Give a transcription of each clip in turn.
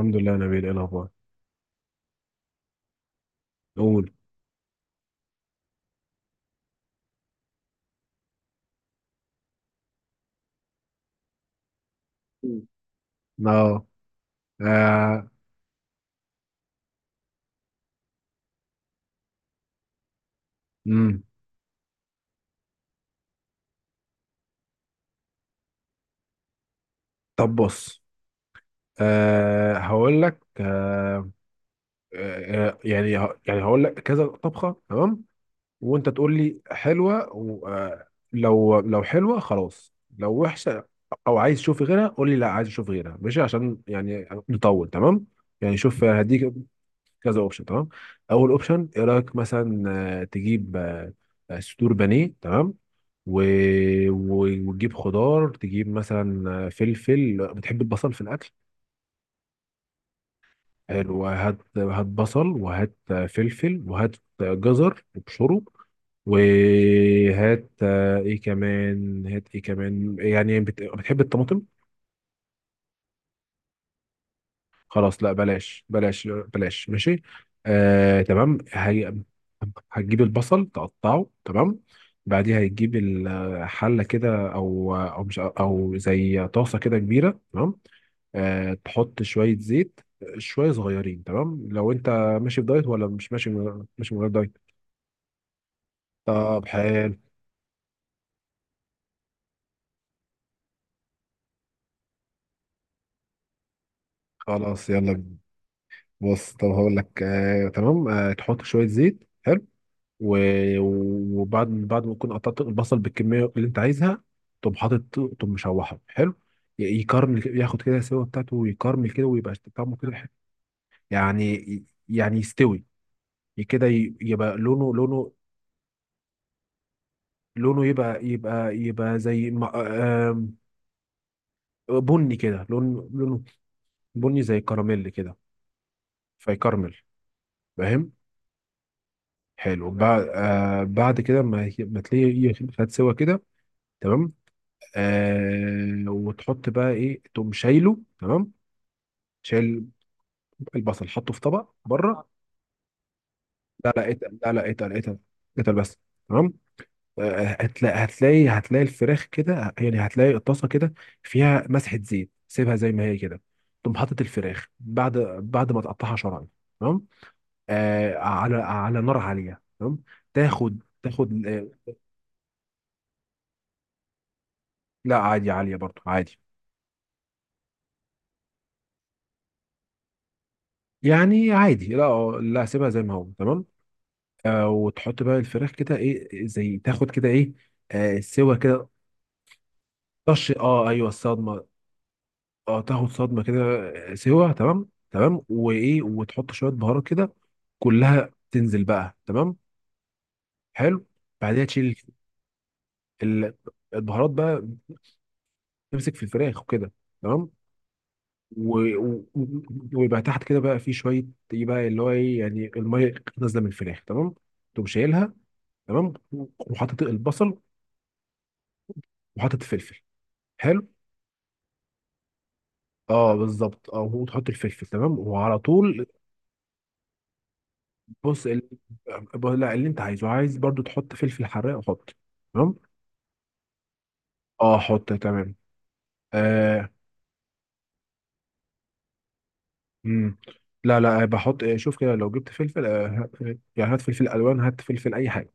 الحمد لله يا نبيل، ايه الاخبار؟ قول. مم. اه. آه. امم. طب بص. هقول لك يعني. يعني هقول لك كذا طبخه، تمام. وانت تقول لي حلوه، لو حلوه خلاص، لو وحشه او عايز تشوف غيرها قول لي لا، عايز اشوف غيرها، ماشي، عشان يعني نطول. تمام. يعني شوف هديك كذا اوبشن، تمام. اول اوبشن ايه رايك؟ مثلا تجيب صدور بانيه، تمام. و... و... وتجيب خضار، تجيب مثلا، فلفل. بتحب البصل في الاكل؟ حلو، هات هات بصل، وهات، فلفل، وهات، جزر وبشره. وهات، ايه كمان؟ هات ايه كمان، يعني بتحب الطماطم؟ خلاص، لا، بلاش بلاش بلاش، ماشي. تمام. هي هتجيب البصل، تقطعه، تمام. بعديها هتجيب الحلة كده، أو مش، أو زي طاسة كده كبيرة، تمام. تحط شوية زيت، شوية صغيرين، تمام. لو أنت ماشي في دايت ولا مش ماشي، ماشي من غير دايت؟ طب حلو، خلاص يلا. بص، طب هقول لك تمام. تحط شوية زيت، حلو. و- وبعد ما تكون قطعت البصل بالكميه اللي انت عايزها، تقوم حاطط، تقوم مشوحه، حلو. يكرمل كده، ياخد كده السوا بتاعته ويكرمل كده، ويبقى طعمه كده حلو. يعني يستوي كده، يبقى لونه. لونه يبقى زي ما- آم، بني كده، لونه بني زي كراميل كده. فيكرمل، فاهم؟ حلو. بعد كده ما تلاقيه خد سوا كده، تمام. وتحط بقى ايه، تقوم شايله، تمام. شايل البصل، حطه في طبق بره. لا لا، اتقل، لا لا، اتقل اتقل، اتقل بس، تمام. هتلاقي الفراخ كده، يعني هتلاقي الطاسه كده فيها مسحه زيت، سيبها زي ما هي كده. تقوم حاطط الفراخ بعد ما تقطعها شرايح، تمام. على نار عاليه، تمام. تاخد تاخد لا عادي، عاليه برضو عادي. يعني عادي، لا، لا، سيبها زي ما هو، تمام. وتحط بقى الفراخ كده ايه، زي تاخد كده ايه، سوا كده. طش. اه، ايوه الصدمه، اه. تاخد صدمه كده، سوا، تمام تمام. وايه، وتحط شويه بهارات كده، كلها تنزل بقى، تمام. حلو. بعدها تشيل ال- البهارات بقى، تمسك في الفراخ وكده، تمام. و- و- ويبقى تحت كده بقى في شويه ايه بقى، اللي هو ايه، يعني الميه نازله من الفراخ، تمام. تقوم شايلها، تمام. وحاطط البصل، وحاطط فلفل، حلو. اه بالظبط، اه، وتحط الفلفل، تمام، وعلى طول. بص لا، اللي انت عايزه، عايز برضو تحط فلفل حراق، حط، تمام. اه حط، تمام. آه. مم. لا لا، بحط، شوف كده لو جبت فلفل. يعني هات فلفل الوان، هات فلفل اي حاجه.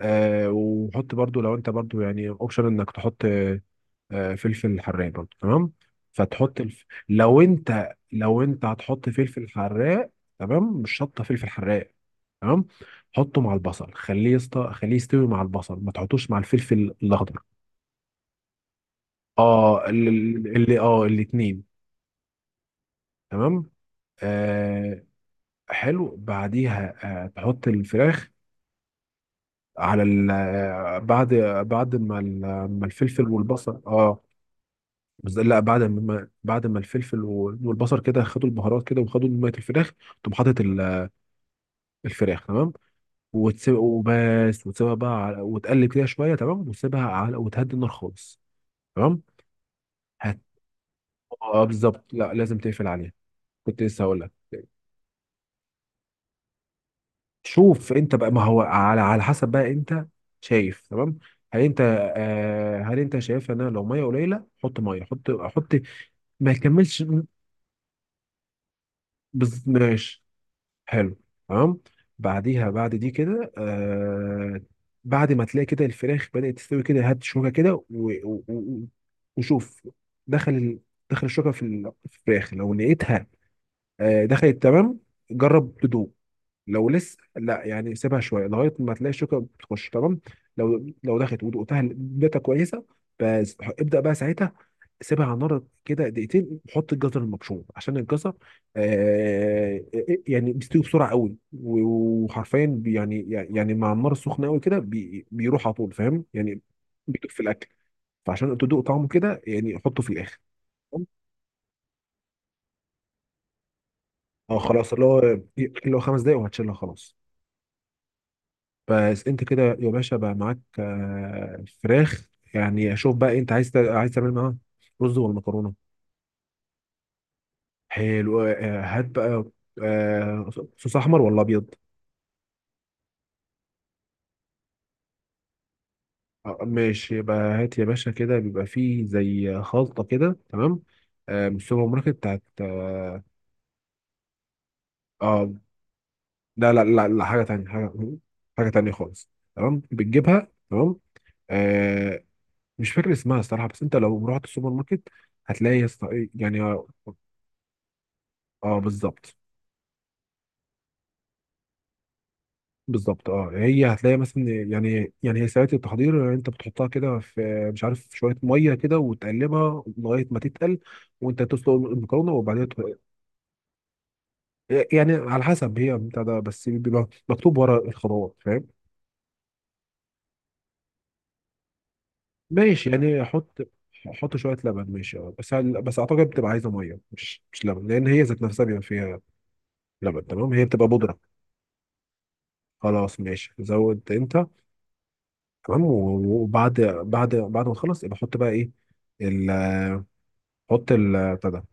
وحط برضو لو انت برضو يعني اوبشن انك تحط فلفل حراق برضه، تمام. فتحط لو انت هتحط فلفل حراق، تمام. مش شطه، فلفل حراق، تمام. حطه مع البصل، خليه خليه يستوي مع البصل، ما تحطوش مع الفلفل الاخضر. اه، اللي, اللي اه الاتنين، تمام. آه حلو بعديها. تحط الفراخ على، بعد بعد ما ال- ما الفلفل والبصل، اه. لا، بعد ما الفلفل والبصل كده خدوا البهارات كده، وخدوا ميه الفراخ، تقوم حاطط الفراخ، تمام. وتسيب وبس، وتسيبها بقى على، وتقلب كده شويه، تمام، وتسيبها على، وتهدي النار خالص، تمام. هت اه بالظبط، لا لازم تقفل عليها، كنت لسه هقول لك. شوف انت بقى، ما هو على على حسب بقى انت شايف، تمام. هل انت هل انت شايف ان انا لو ميه قليله حط ميه، حط حط ما يكملش. ماشي. حلو، تمام. بعديها بعد دي كده، بعد ما تلاقي كده الفراخ بدأت تستوي كده، هات شوكة كده و- و- وشوف دخل دخل الشوكة في في الفراخ، لو لقيتها دخلت، تمام، جرب تدوق. لو لسه لا، يعني سيبها شويه لغايه ما تلاقي الشوكه بتخش، تمام. لو دخلت ودقتها كويسه، بس ابدا بقى ساعتها سيبها على النار كده دقيقتين، وحط الجزر المبشور، عشان الجزر يعني بيستوي بسرعه قوي، يعني مع النار السخنه قوي كده بيروح على طول، فاهم يعني؟ بيدوب في الاكل، فعشان تدوق طعمه كده يعني حطه في الاخر. اه خلاص، اللي هو 5 دقايق وهتشيلها، خلاص. بس انت كده يا باشا بقى معاك فراخ، يعني شوف بقى انت عايز عايز تعمل معاها رز ولا مكرونه؟ حلو، هات بقى آه، صوص احمر ولا ابيض؟ ماشي، يبقى هات يا باشا كده بيبقى فيه زي خلطه كده، تمام، من السوبر ماركت بتاعت اه آه، لا لا لا لا، حاجه تانية، حاجه حاجه تانية خالص، تمام، بتجيبها، تمام. آه، مش فاكر اسمها الصراحه، بس انت لو رحت السوبر ماركت هتلاقي يا اسطى، يعني اه بالظبط. بالظبط اه، هي هتلاقي مثلا يعني هي ساعات التحضير انت بتحطها كده في، مش عارف، شويه ميه كده وتقلبها لغايه ما تتقل، وانت تسلق المكرونه، وبعدين يعني على حسب، هي بتاع ده، بس بيبقى مكتوب ورا الخطوات، فاهم؟ ماشي يعني احط، احط شويه لبن، ماشي، اه، بس بس اعتقد بتبقى عايزه ميه مش مش لبن، لان هي ذات نفسها بيبقى فيها لبن، تمام، هي بتبقى بودره. خلاص ماشي، زود انت. تمام، وبعد بعد بعد ما تخلص يبقى حط بقى ايه، حط ال بتاع ده،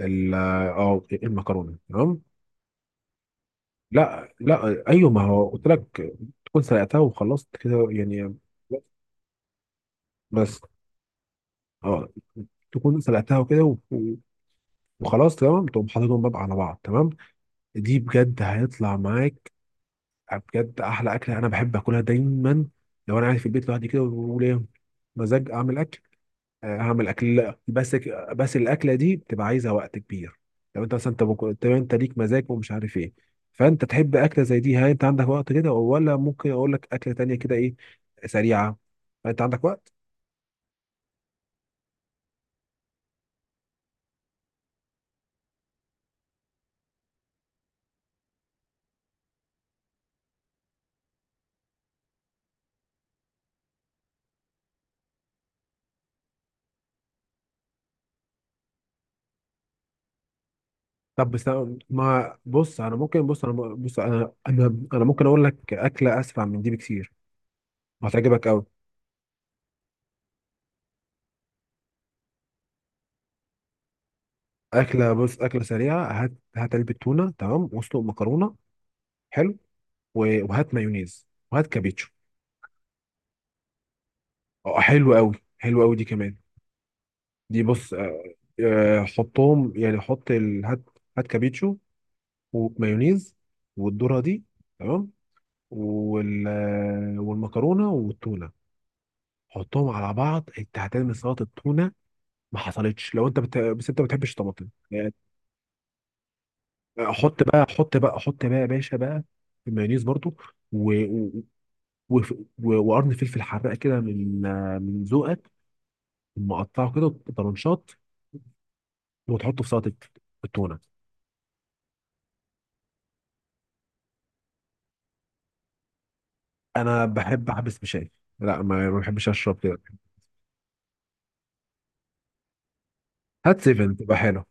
ال اه المكرونه، تمام. لا لا، ايوه، ما هو قلت لك تكون سلقتها وخلصت كده يعني، بس اه تكون سلقتها وكده، وخلاص، تمام، تقوم حاططهم بقى على بعض، تمام. دي بجد هيطلع معاك بجد احلى اكله، انا بحب اكلها دايما. لو انا قاعد في البيت لوحدي كده وليا مزاج اعمل اكل، هعمل اكل، لا، بس بس الاكله دي بتبقى عايزه وقت كبير. لو انت مثلا انت طب انت ليك مزاج، ومش عارف ايه، فانت تحب اكله زي دي، هل انت عندك وقت كده ولا ممكن اقول لك اكله تانية كده ايه، سريعه؟ انت عندك وقت؟ طب بس، ما بص انا ممكن، بص انا بص انا ممكن اقول لك اكله اسرع من دي بكتير، وهتعجبك قوي. اكله، بص، اكله سريعه، هات هات علبه تونه، تمام، واسلق مكرونه، حلو، وهات مايونيز، وهات كابيتشو. اه حلو قوي، حلو قوي دي كمان. دي بص، حطهم، يعني حط هات هات كابيتشو ومايونيز والذرة دي، تمام، وال والمكرونة والتونة، حطهم على بعض، انت هتعمل سلطة التونة. ما حصلتش لو انت بس انت ما بتحبش طماطم يعني. حط بقى حط بقى حط بقى يا باشا بقى المايونيز برضو و... و... و... وقرن فلفل حراق كده من من ذوقك، مقطعه كده طرنشات، وتحطه في سلطة التونة. انا بحب احبس بشاي، لا ما ما بحبش اشرب كده. هات سيفن تبقى حلو،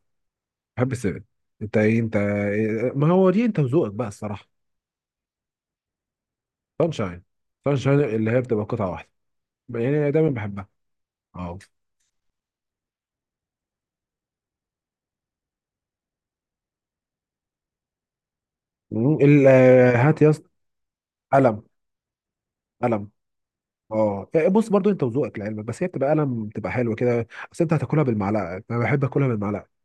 بحب السيفن. انت ايه، انت إيه؟ ما هو دي انت وذوقك بقى الصراحه. سانشاين، سانشاين اللي هي بتبقى قطعه واحده، يعني أنا دايما بحبها. اه. مم، هات يا اسطى قلم قلم. اه إيه، بص برضو انت وذوقك لعلمك، بس هي بتبقى قلم، بتبقى حلوه كده، بس انت هتاكلها بالمعلقه، انا بحب اكلها بالمعلقه.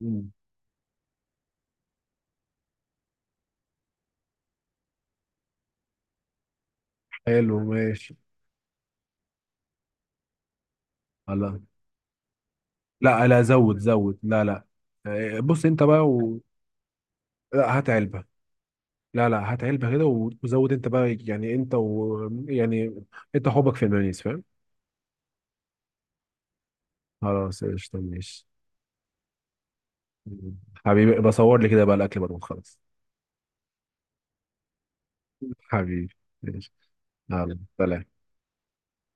مم. حلو ماشي. الله، لا لا، زود زود، لا لا. إيه، بص انت بقى لا هات علبه، لا لا هات علبة كده، وزود انت بقى، يعني انت و يعني انت حبك في المايونيز، فاهم؟ خلاص قشطة ماشي. حبيبي بصور لي كده بقى الاكل بقى، خلاص. حبيبي، ماشي، يلا سلام.